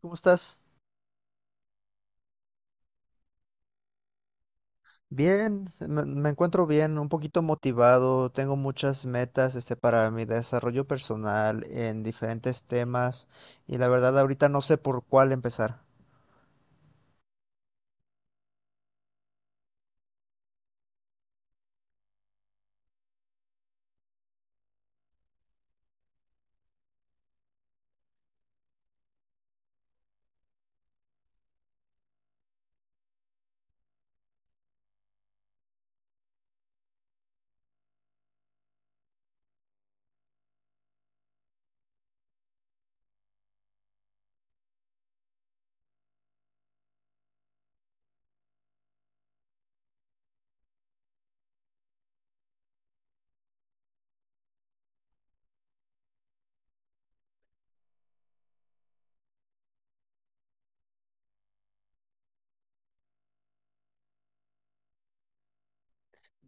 ¿Cómo estás? Bien, me encuentro bien, un poquito motivado, tengo muchas metas para mi desarrollo personal en diferentes temas y la verdad ahorita no sé por cuál empezar.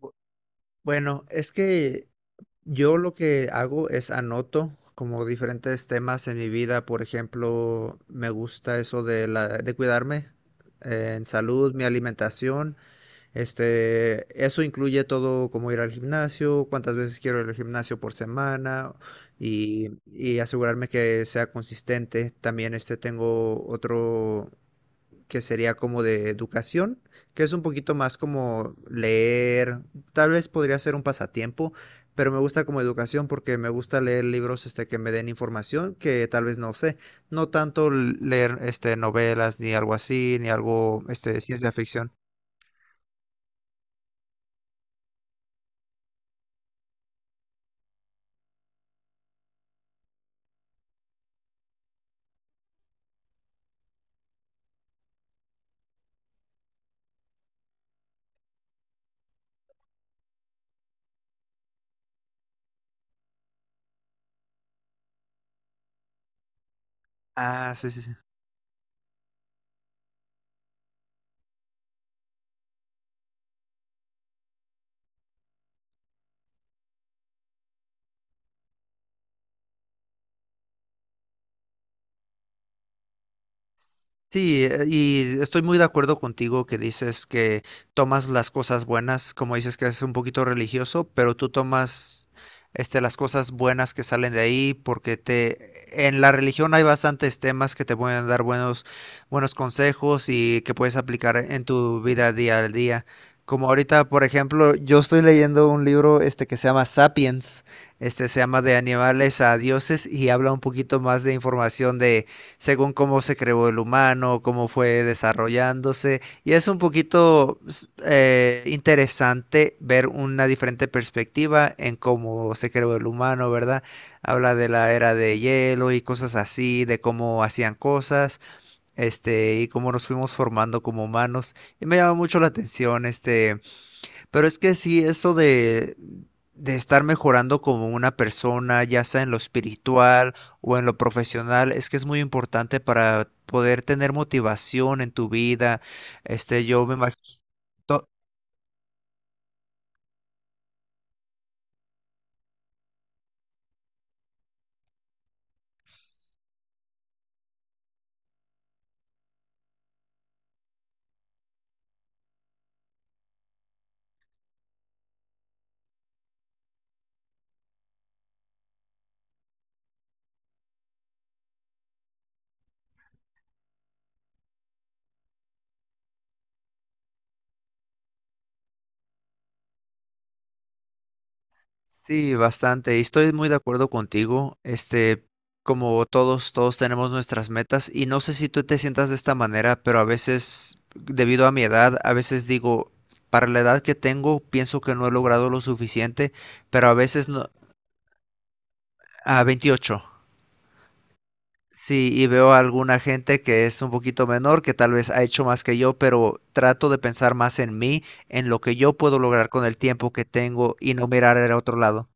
Bu- Bueno, es que yo lo que hago es anoto como diferentes temas en mi vida, por ejemplo, me gusta eso de la de cuidarme en salud, mi alimentación. Eso incluye todo como ir al gimnasio, cuántas veces quiero ir al gimnasio por semana y asegurarme que sea consistente. También tengo otro que sería como de educación, que es un poquito más como leer, tal vez podría ser un pasatiempo, pero me gusta como educación porque me gusta leer libros que me den información que tal vez no sé, no tanto leer novelas ni algo así, ni algo ciencia ficción. Ah, sí, sí, sí. Sí, y estoy muy de acuerdo contigo que dices que tomas las cosas buenas, como dices que es un poquito religioso, pero tú tomas las cosas buenas que salen de ahí porque te, en la religión hay bastantes temas que te pueden dar buenos, buenos consejos y que puedes aplicar en tu vida día al día. Como ahorita, por ejemplo, yo estoy leyendo un libro que se llama Sapiens, este se llama De animales a dioses y habla un poquito más de información de según cómo se creó el humano, cómo fue desarrollándose. Y es un poquito interesante ver una diferente perspectiva en cómo se creó el humano, ¿verdad? Habla de la era de hielo y cosas así, de cómo hacían cosas, y cómo nos fuimos formando como humanos. Y me llama mucho la atención, Pero es que sí, eso de estar mejorando como una persona, ya sea en lo espiritual o en lo profesional, es que es muy importante para poder tener motivación en tu vida. Yo me imagino. To- Sí, bastante. Y estoy muy de acuerdo contigo. Como todos, todos tenemos nuestras metas. Y no sé si tú te sientas de esta manera, pero a veces, debido a mi edad, a veces digo, para la edad que tengo, pienso que no he logrado lo suficiente, pero a veces no, a 28. Sí, y veo a alguna gente que es un poquito menor, que tal vez ha hecho más que yo, pero trato de pensar más en mí, en lo que yo puedo lograr con el tiempo que tengo y no mirar al otro lado.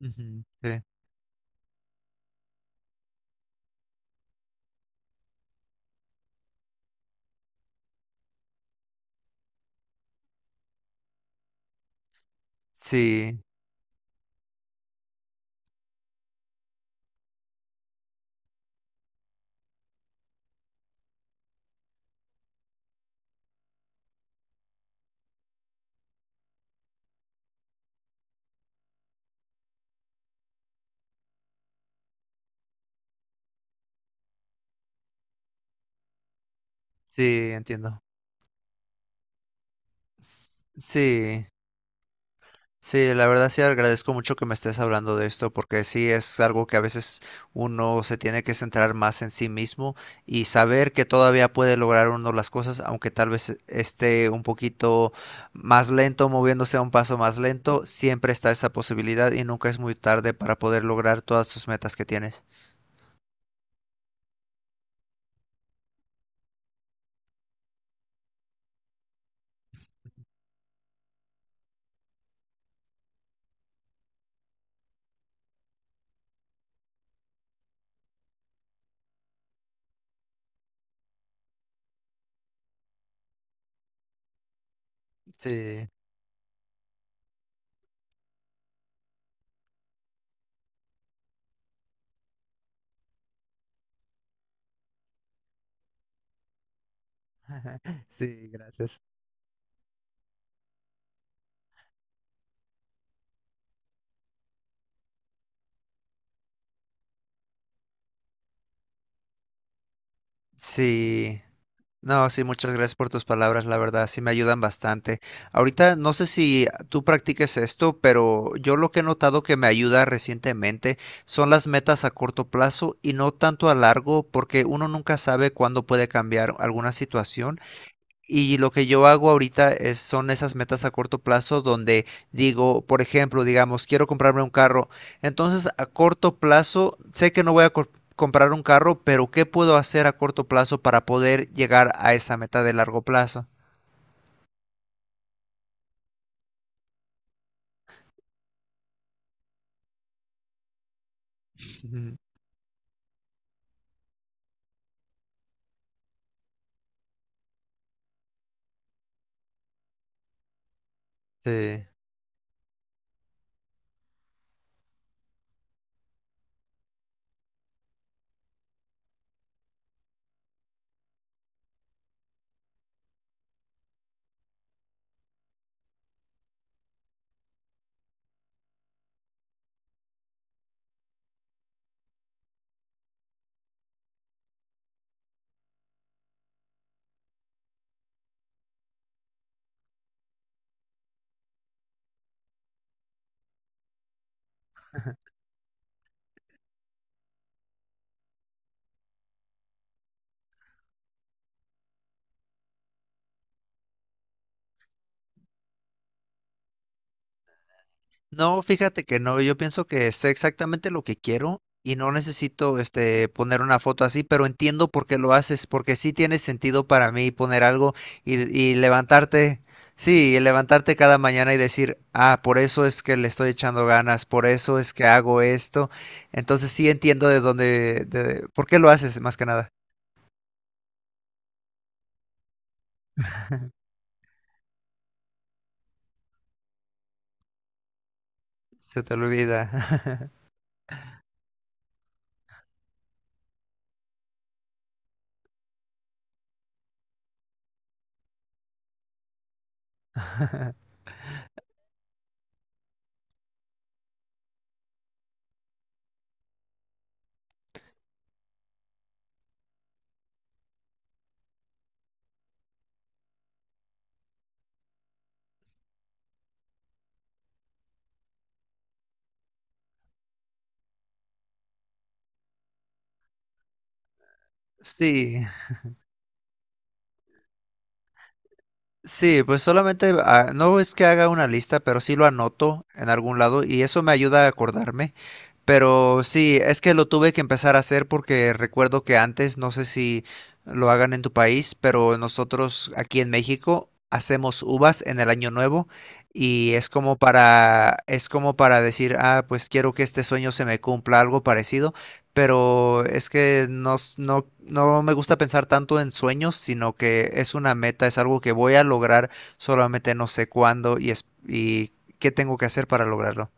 Ujú, sí. Sí, sí, entiendo. Sí. Sí, la verdad sí agradezco mucho que me estés hablando de esto porque sí es algo que a veces uno se tiene que centrar más en sí mismo y saber que todavía puede lograr uno las cosas, aunque tal vez esté un poquito más lento, moviéndose a un paso más lento, siempre está esa posibilidad y nunca es muy tarde para poder lograr todas sus metas que tienes. Sí, sí, gracias. Sí. No, sí, muchas gracias por tus palabras, la verdad, sí me ayudan bastante. Ahorita no sé si tú practiques esto, pero yo lo que he notado que me ayuda recientemente son las metas a corto plazo y no tanto a largo, porque uno nunca sabe cuándo puede cambiar alguna situación. Y lo que yo hago ahorita es, son esas metas a corto plazo donde digo, por ejemplo, digamos, quiero comprarme un carro. Entonces, a corto plazo, sé que no voy a comprar un carro, pero ¿qué puedo hacer a corto plazo para poder llegar a esa meta de largo plazo? Ujú. Sí. No, fíjate que no, yo pienso que sé exactamente lo que quiero y no necesito poner una foto así, pero entiendo por qué lo haces, porque sí tiene sentido para mí poner algo y levantarte, sí, y levantarte cada mañana y decir, ah, por eso es que le estoy echando ganas, por eso es que hago esto. Entonces sí entiendo de dónde, de, por qué lo haces más que nada. Se te olvida. Sí. Sí, pues solamente, ah, no es que haga una lista, pero sí lo anoto en algún lado y eso me ayuda a acordarme. Pero sí, es que lo tuve que empezar a hacer porque recuerdo que antes, no sé si lo hagan en tu país, pero nosotros aquí en México hacemos uvas en el año nuevo y es como para decir, ah, pues quiero que este sueño se me cumpla, algo parecido pero es que no, no, no me gusta pensar tanto en sueños, sino que es una meta, es algo que voy a lograr, solamente no sé cuándo y, es, y qué tengo que hacer para lograrlo.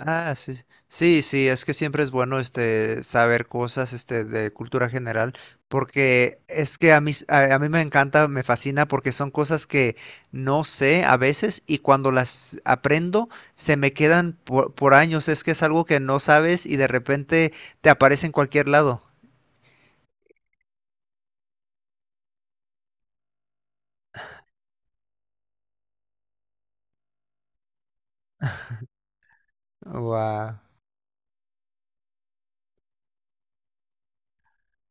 Ah, sí. Sí, sí, sí, es que siempre es bueno saber cosas de cultura general porque es que a mí a mí me encanta, me fascina porque son cosas que no sé a veces y cuando las aprendo se me quedan por años, es que es algo que no sabes y de repente te aparece en cualquier lado. Guau.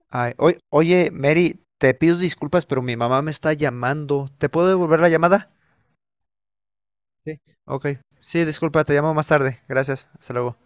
Ay, oye, Mary, te pido disculpas, pero mi mamá me está llamando. ¿Te puedo devolver la llamada? Sí. Ok. Sí, disculpa, te llamo más tarde. Gracias. Hasta luego.